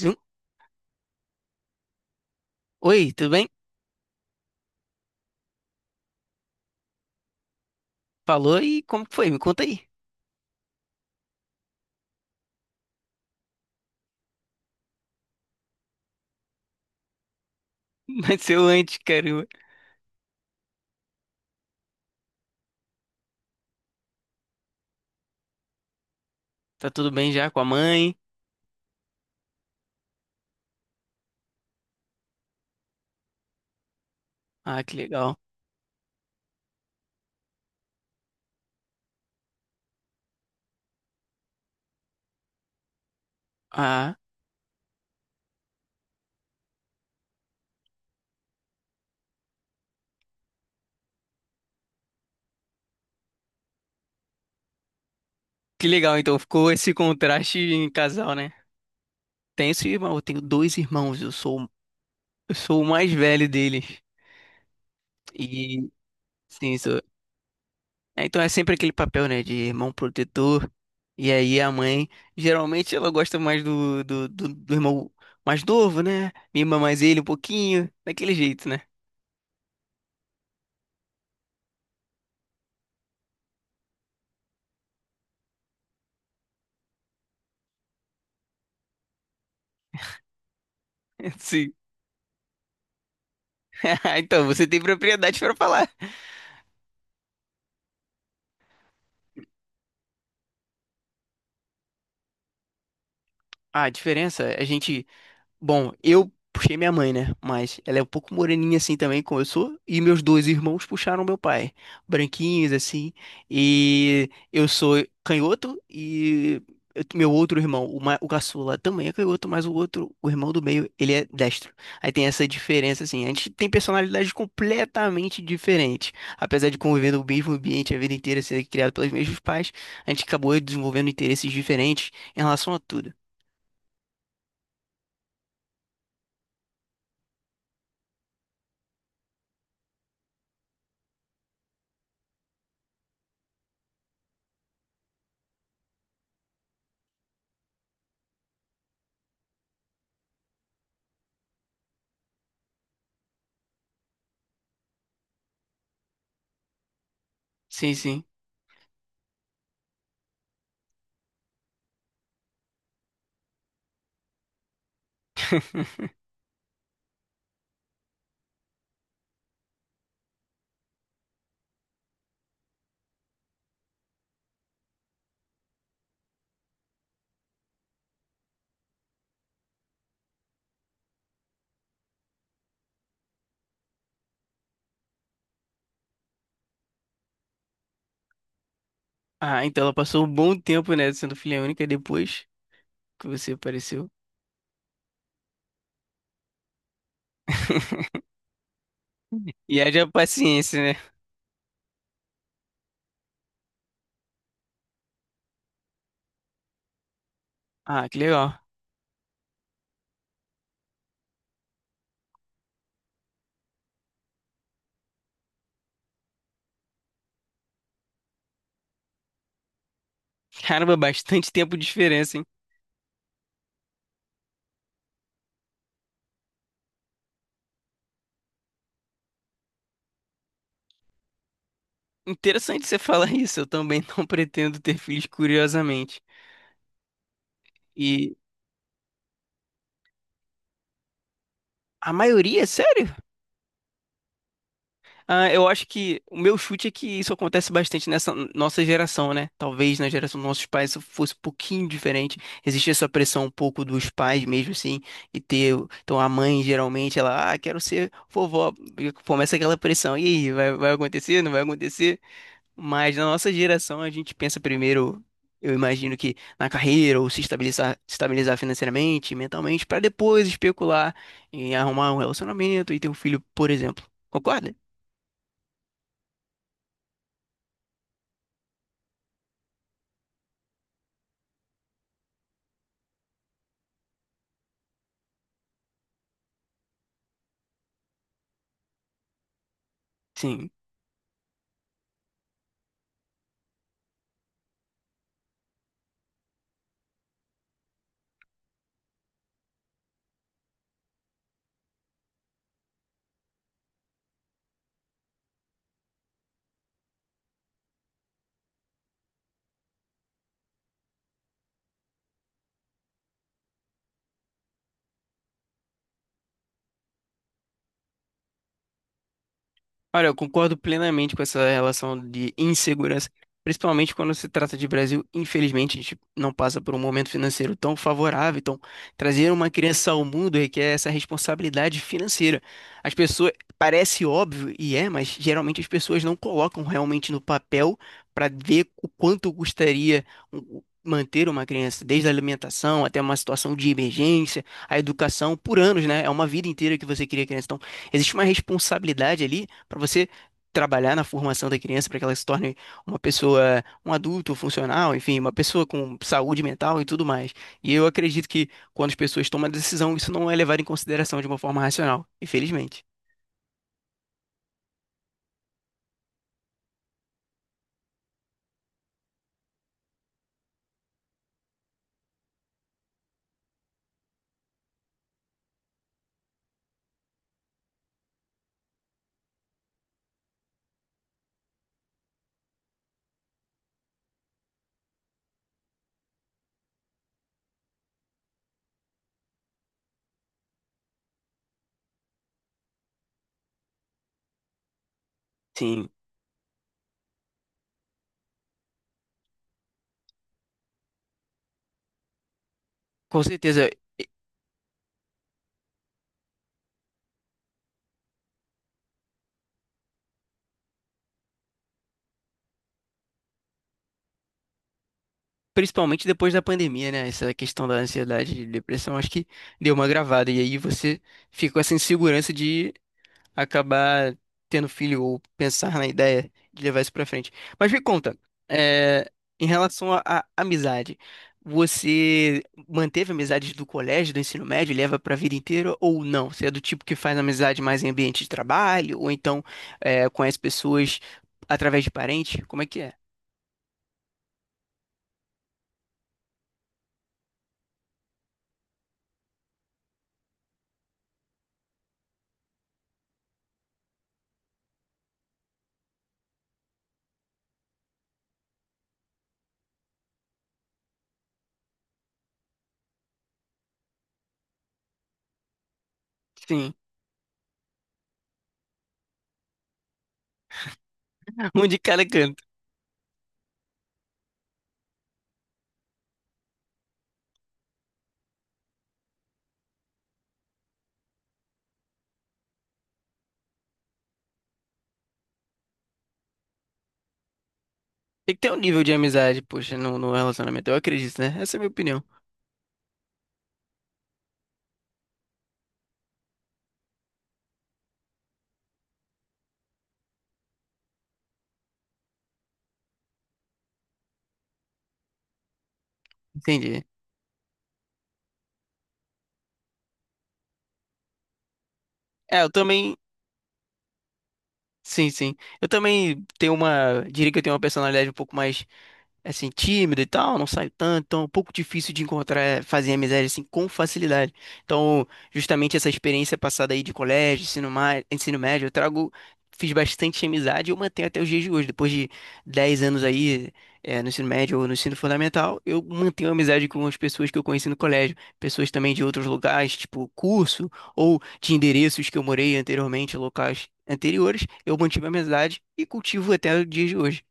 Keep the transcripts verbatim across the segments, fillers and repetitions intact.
Zoom. Oi, tudo bem? Falou e como que foi? Me conta aí. Mas eu antes, caramba. Tá tudo bem já com a mãe? Ah, que legal. Ah, que legal. Então ficou esse contraste em casal, né? Tenho esse irmão, eu tenho dois irmãos. Eu sou, eu sou o mais velho deles. E sim, sou. É, então é sempre aquele papel, né, de irmão protetor. E aí a mãe, geralmente ela gosta mais do, do, do, do irmão mais novo, né? Mima mais ele um pouquinho, daquele jeito, né? Sim. Então, você tem propriedade para falar. A diferença, a gente Bom, eu puxei minha mãe, né? Mas ela é um pouco moreninha assim também, como eu sou. E meus dois irmãos puxaram meu pai. Branquinhos, assim. E eu sou canhoto e eu- meu outro irmão, o, ma- o caçula, também é canhoto, mas o outro, o irmão do meio, ele é destro. Aí tem essa diferença, assim. A gente tem personalidades completamente diferentes. Apesar de conviver no mesmo ambiente a vida inteira, ser criado pelos mesmos pais, a gente acabou desenvolvendo interesses diferentes em relação a tudo. Sim, sim. Ah, então ela passou um bom tempo, né, sendo filha única depois que você apareceu. E haja paciência, né? Ah, que legal. Caramba, bastante tempo de diferença, hein? Interessante você falar isso. Eu também não pretendo ter filhos, curiosamente. E a maioria, sério? Ah, eu acho que o meu chute é que isso acontece bastante nessa nossa geração, né? Talvez na geração dos nossos pais isso fosse um pouquinho diferente. Existe essa pressão um pouco dos pais mesmo, assim, e ter. Então a mãe geralmente ela, ah, quero ser vovó. E começa aquela pressão. E aí, vai, vai acontecer? Não vai acontecer? Mas na nossa geração a gente pensa primeiro, eu imagino que na carreira, ou se estabilizar, se estabilizar financeiramente, mentalmente, para depois especular em arrumar um relacionamento e ter um filho, por exemplo. Concorda? Sim. Olha, eu concordo plenamente com essa relação de insegurança, principalmente quando se trata de Brasil. Infelizmente, a gente não passa por um momento financeiro tão favorável. Então, trazer uma criança ao mundo requer essa responsabilidade financeira. As pessoas, parece óbvio e é, mas geralmente as pessoas não colocam realmente no papel para ver o quanto custaria um- um, manter uma criança, desde a alimentação até uma situação de emergência, a educação por anos, né? É uma vida inteira que você cria criança. Então, existe uma responsabilidade ali para você trabalhar na formação da criança para que ela se torne uma pessoa, um adulto funcional, enfim, uma pessoa com saúde mental e tudo mais. E eu acredito que quando as pessoas tomam a decisão, isso não é levado em consideração de uma forma racional, infelizmente. Sim, com certeza. Principalmente depois da pandemia, né? Essa questão da ansiedade e depressão, acho que deu uma gravada. E aí você fica com essa insegurança de acabar tendo filho ou pensar na ideia de levar isso pra frente. Mas me conta, é, em relação à à amizade, você manteve amizades do colégio, do ensino médio, leva pra vida inteira ou não? Você é do tipo que faz amizade mais em ambiente de trabalho ou então é, conhece pessoas através de parente? Como é que é? Sim, um de cada canto. Tem que ter um nível de amizade, poxa, no, no relacionamento. Eu acredito, né? Essa é a minha opinião. Entendi. É, eu também. Sim, sim. Eu também tenho uma. Diria que eu tenho uma personalidade um pouco mais. É assim, tímido e tal, não saio tanto, então é um pouco difícil de encontrar, eh, fazer amizade assim com facilidade. Então, justamente essa experiência passada aí de colégio, ensino, ma- ensino médio, eu trago, fiz bastante amizade e eu mantenho até os dias de hoje. Depois de dez anos aí, é, no ensino médio ou no ensino fundamental, eu mantenho amizade com as pessoas que eu conheci no colégio, pessoas também de outros lugares, tipo curso, ou de endereços que eu morei anteriormente, locais anteriores, eu mantive a amizade e cultivo até os dias de hoje.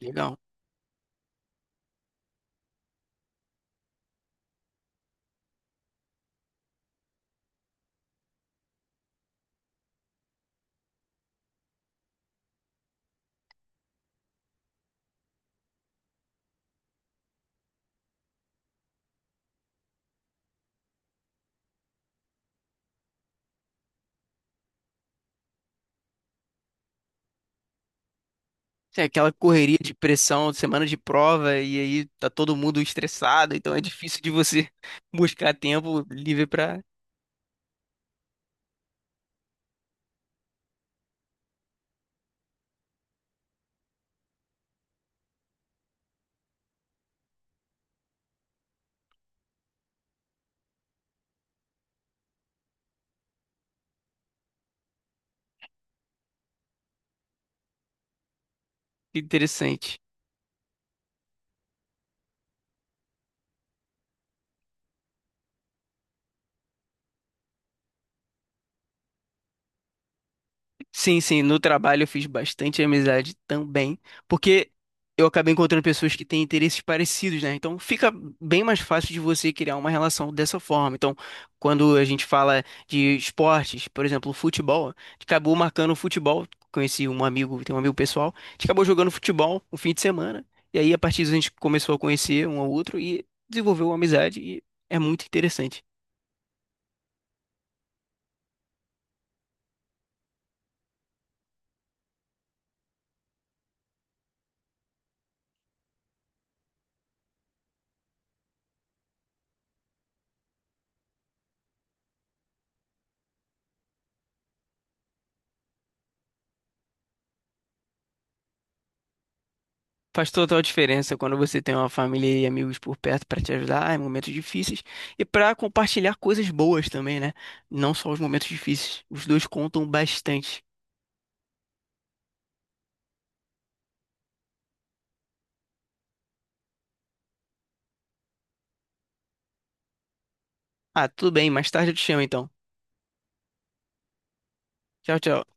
Legal. É aquela correria de pressão, semana de prova, e aí tá todo mundo estressado, então é difícil de você buscar tempo livre pra Interessante. Sim, sim, no trabalho eu fiz bastante amizade também, porque eu acabei encontrando pessoas que têm interesses parecidos, né? Então fica bem mais fácil de você criar uma relação dessa forma. Então, quando a gente fala de esportes, por exemplo, futebol, a gente acabou marcando um futebol, conheci um amigo, tem um amigo pessoal, a gente acabou jogando futebol um fim de semana, e aí a partir disso a gente começou a conhecer um ao outro e desenvolveu uma amizade e é muito interessante. Faz total diferença quando você tem uma família e amigos por perto para te ajudar em momentos difíceis e para compartilhar coisas boas também, né? Não só os momentos difíceis. Os dois contam bastante. Ah, tudo bem, mais tarde eu te chamo então. Tchau, tchau.